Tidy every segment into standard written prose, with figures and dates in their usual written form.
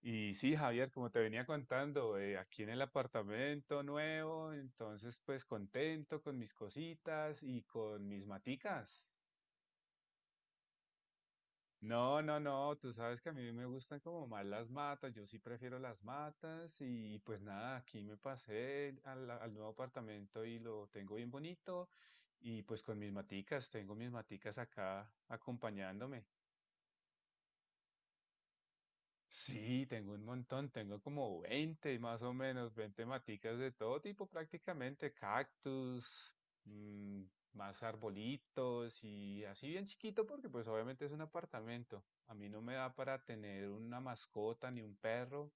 Y sí, Javier, como te venía contando, aquí en el apartamento nuevo, entonces pues contento con mis cositas y con mis maticas. No, no, no, tú sabes que a mí me gustan como más las matas, yo sí prefiero las matas y pues nada, aquí me pasé al nuevo apartamento y lo tengo bien bonito y pues con mis maticas, tengo mis maticas acá acompañándome. Sí, tengo un montón, tengo como 20 más o menos, 20 maticas de todo tipo prácticamente, cactus, mm, más arbolitos y así bien chiquito porque pues obviamente es un apartamento. A mí no me da para tener una mascota ni un perro,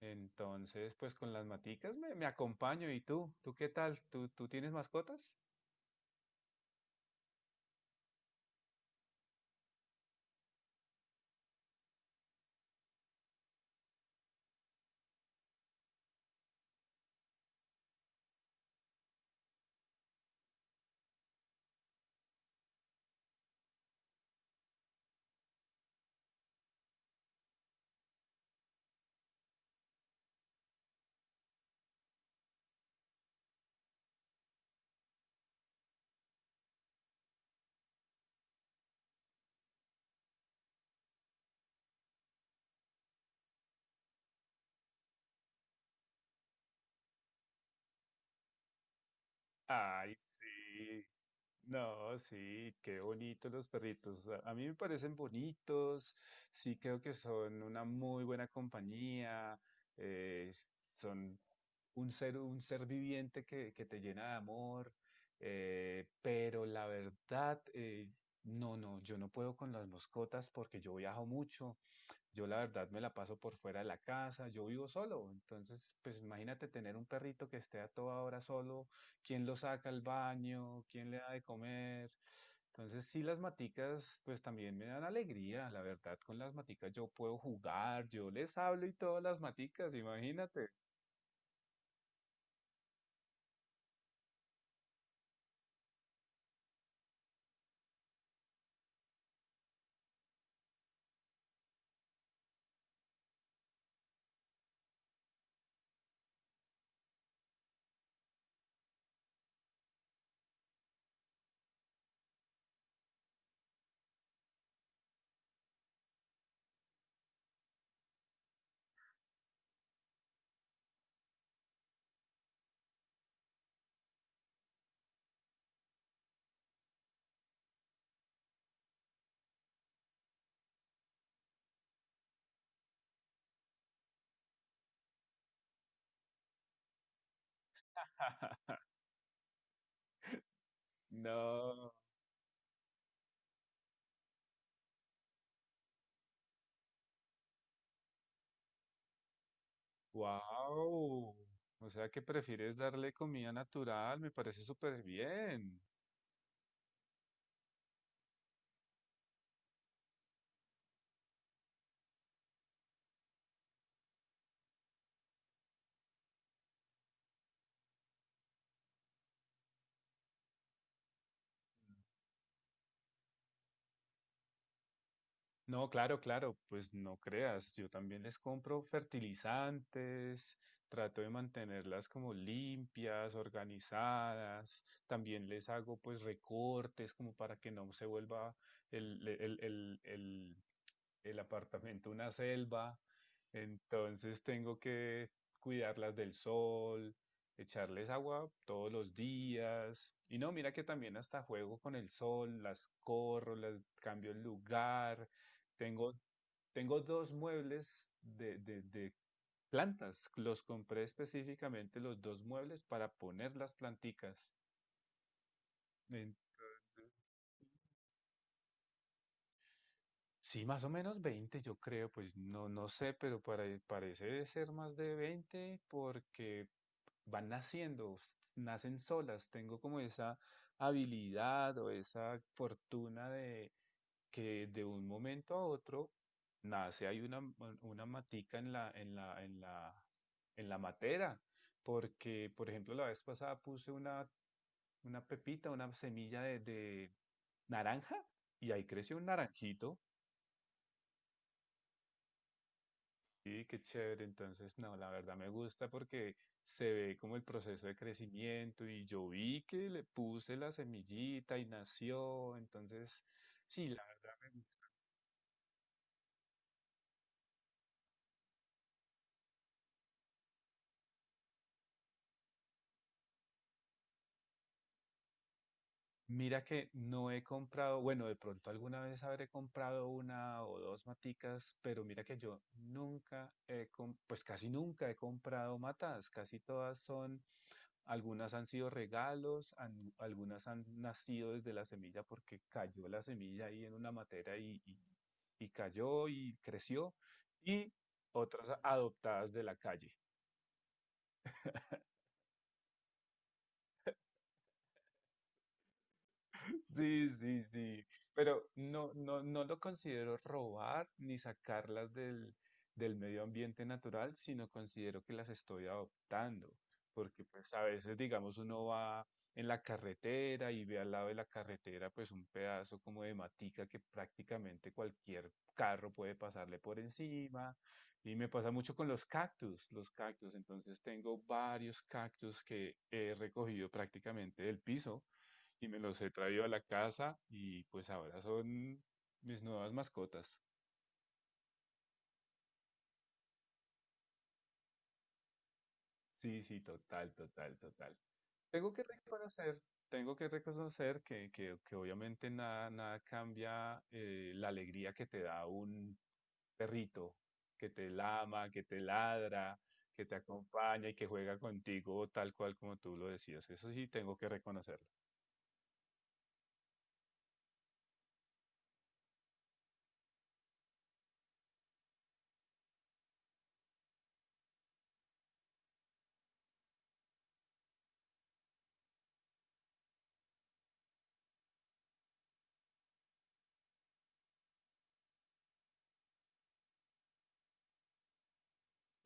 entonces pues con las maticas me acompaño. ¿Y tú? ¿Tú qué tal? ¿Tú tienes mascotas? Ay, sí. No, sí, qué bonitos los perritos. A mí me parecen bonitos, sí creo que son una muy buena compañía, eh, s- son un ser viviente que te llena de amor, pero la verdad, no, no, yo no puedo con las mascotas porque yo viajo mucho. Yo la verdad me la paso por fuera de la casa, yo vivo solo, entonces pues imagínate tener un perrito que esté a toda hora solo, quién lo saca al baño, quién le da de comer. Entonces sí, las maticas pues también me dan alegría, la verdad, con las maticas yo puedo jugar, yo les hablo y todas las maticas, imagínate. No, wow. O sea que prefieres darle comida natural, me parece súper bien. No, claro, claro, pues no creas, yo también les compro fertilizantes, trato de mantenerlas como limpias, organizadas, también les hago pues recortes como para que no se vuelva el, el, el, el- el apartamento una selva, entonces tengo que cuidarlas del sol, echarles agua todos los días. Y no, mira que también hasta juego con el sol, las corro, las cambio el lugar. Tengo, tengo dos muebles de plantas. Los compré específicamente los dos muebles para poner las planticas. Sí, más o menos 20, yo creo, pues no, no sé, pero para- parece de ser más de 20 porque van naciendo, s- nacen solas. Tengo como esa habilidad o esa fortuna de que de un momento a otro nace, hay una matica en la matera. Porque, por ejemplo, la vez pasada puse una pepita, una semilla de naranja y ahí creció un naranjito. Sí, qué chévere. Entonces, no, la verdad me gusta porque se ve como el proceso de crecimiento y yo vi que le puse la semillita y nació. Entonces, sí, la verdad me gusta. Mira que no he comprado, bueno, de pronto alguna vez habré comprado una o dos maticas, pero mira que yo nunca he, pues casi nunca he comprado matas. Casi todas son. Algunas han sido regalos, algunas han nacido desde la semilla porque cayó la semilla ahí en una materia y cayó y creció, y otras adoptadas de la calle. Sí, sí, sí, pero no, no, no lo considero robar ni sacarlas del medio ambiente natural, sino considero que las estoy adoptando, porque pues a veces, digamos, uno va en la carretera y ve al lado de la carretera pues un pedazo como de matica que prácticamente cualquier carro puede pasarle por encima, y me pasa mucho con los cactus, entonces tengo varios cactus que he recogido prácticamente del piso y me los he traído a la casa y pues ahora son mis nuevas mascotas. Sí, sí, total, total, total. Tengo que reconocer, tengo que reconocer que obviamente nada, nada cambia, la alegría que te da un perrito, que te lama, que te ladra, que te acompaña y que juega contigo tal cual como tú lo decías. Eso sí, tengo que reconocerlo.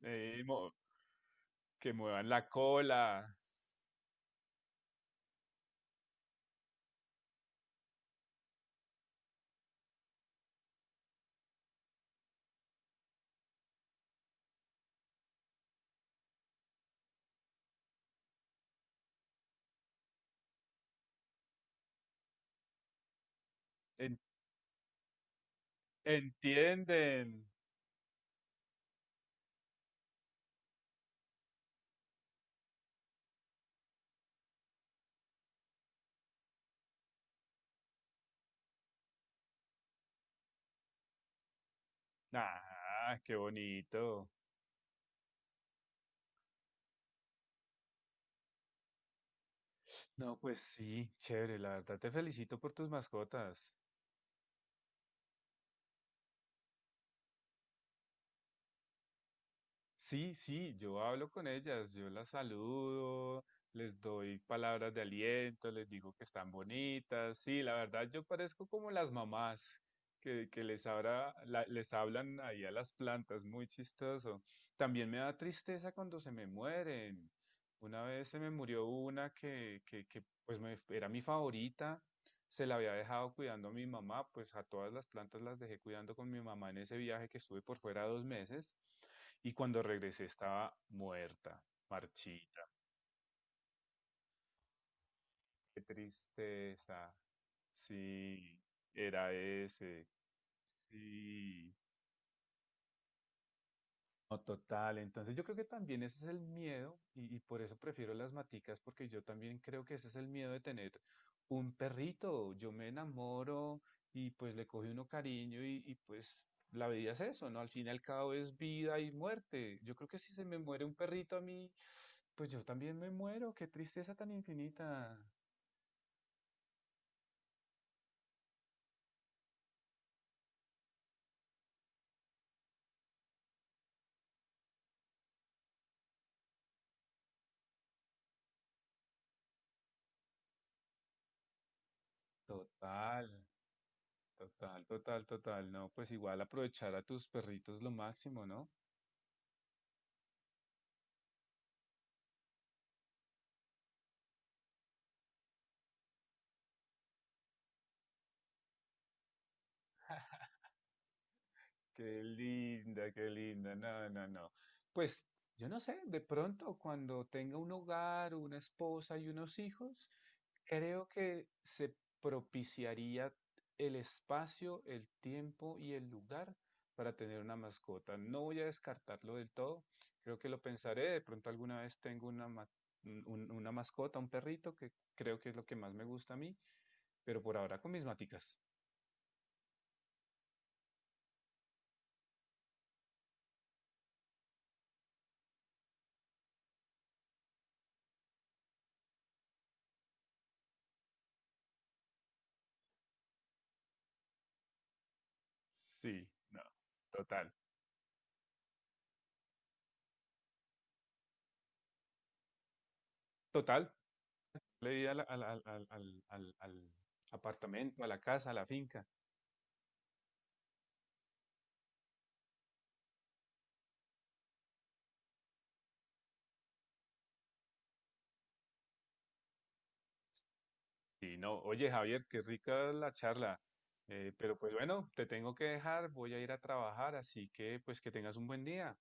Eh, mo- que muevan la cola, en- entienden. Ah, qué bonito. No, pues sí, chévere, la verdad te felicito por tus mascotas. Sí, sí, yo hablo con ellas, yo las saludo, les doy palabras de aliento, les digo que están bonitas. Sí, la verdad yo parezco como las mamás que les hablan ahí a las plantas, muy chistoso. También me da tristeza cuando se me mueren. Una vez se me murió una que pues era mi favorita, se la había dejado cuidando a mi mamá, pues a todas las plantas las dejé cuidando con mi mamá en ese viaje que estuve por fuera dos meses. Y cuando regresé estaba muerta, marchita. Qué tristeza. Sí, era ese. Sí. No, total. Entonces yo creo que también ese es el miedo y por eso prefiero las maticas porque yo también creo que ese es el miedo de tener un perrito. Yo me enamoro y pues le coge uno cariño y, pues la vida es eso, ¿no? Al fin y al cabo es vida y muerte. Yo creo que si se me muere un perrito a mí, pues yo también me muero. Qué tristeza tan infinita. Total, total, total, total. No, pues igual aprovechar a tus perritos lo máximo, ¿no? Qué linda, qué linda. No, no, no. Pues yo no sé, de pronto cuando tenga un hogar, una esposa y unos hijos, creo que se propiciaría el espacio, el tiempo y el lugar para tener una mascota. No voy a descartarlo del todo, creo que lo pensaré. De pronto alguna vez tengo una mascota, un perrito, que creo que es lo que más me gusta a mí, pero por ahora con mis maticas. Sí, no, total. Total, le di al apartamento, a la casa, a la finca. Y no, oye Javier, qué rica la charla. Pero pues bueno, te tengo que dejar, voy a ir a trabajar, así que pues que tengas un buen día.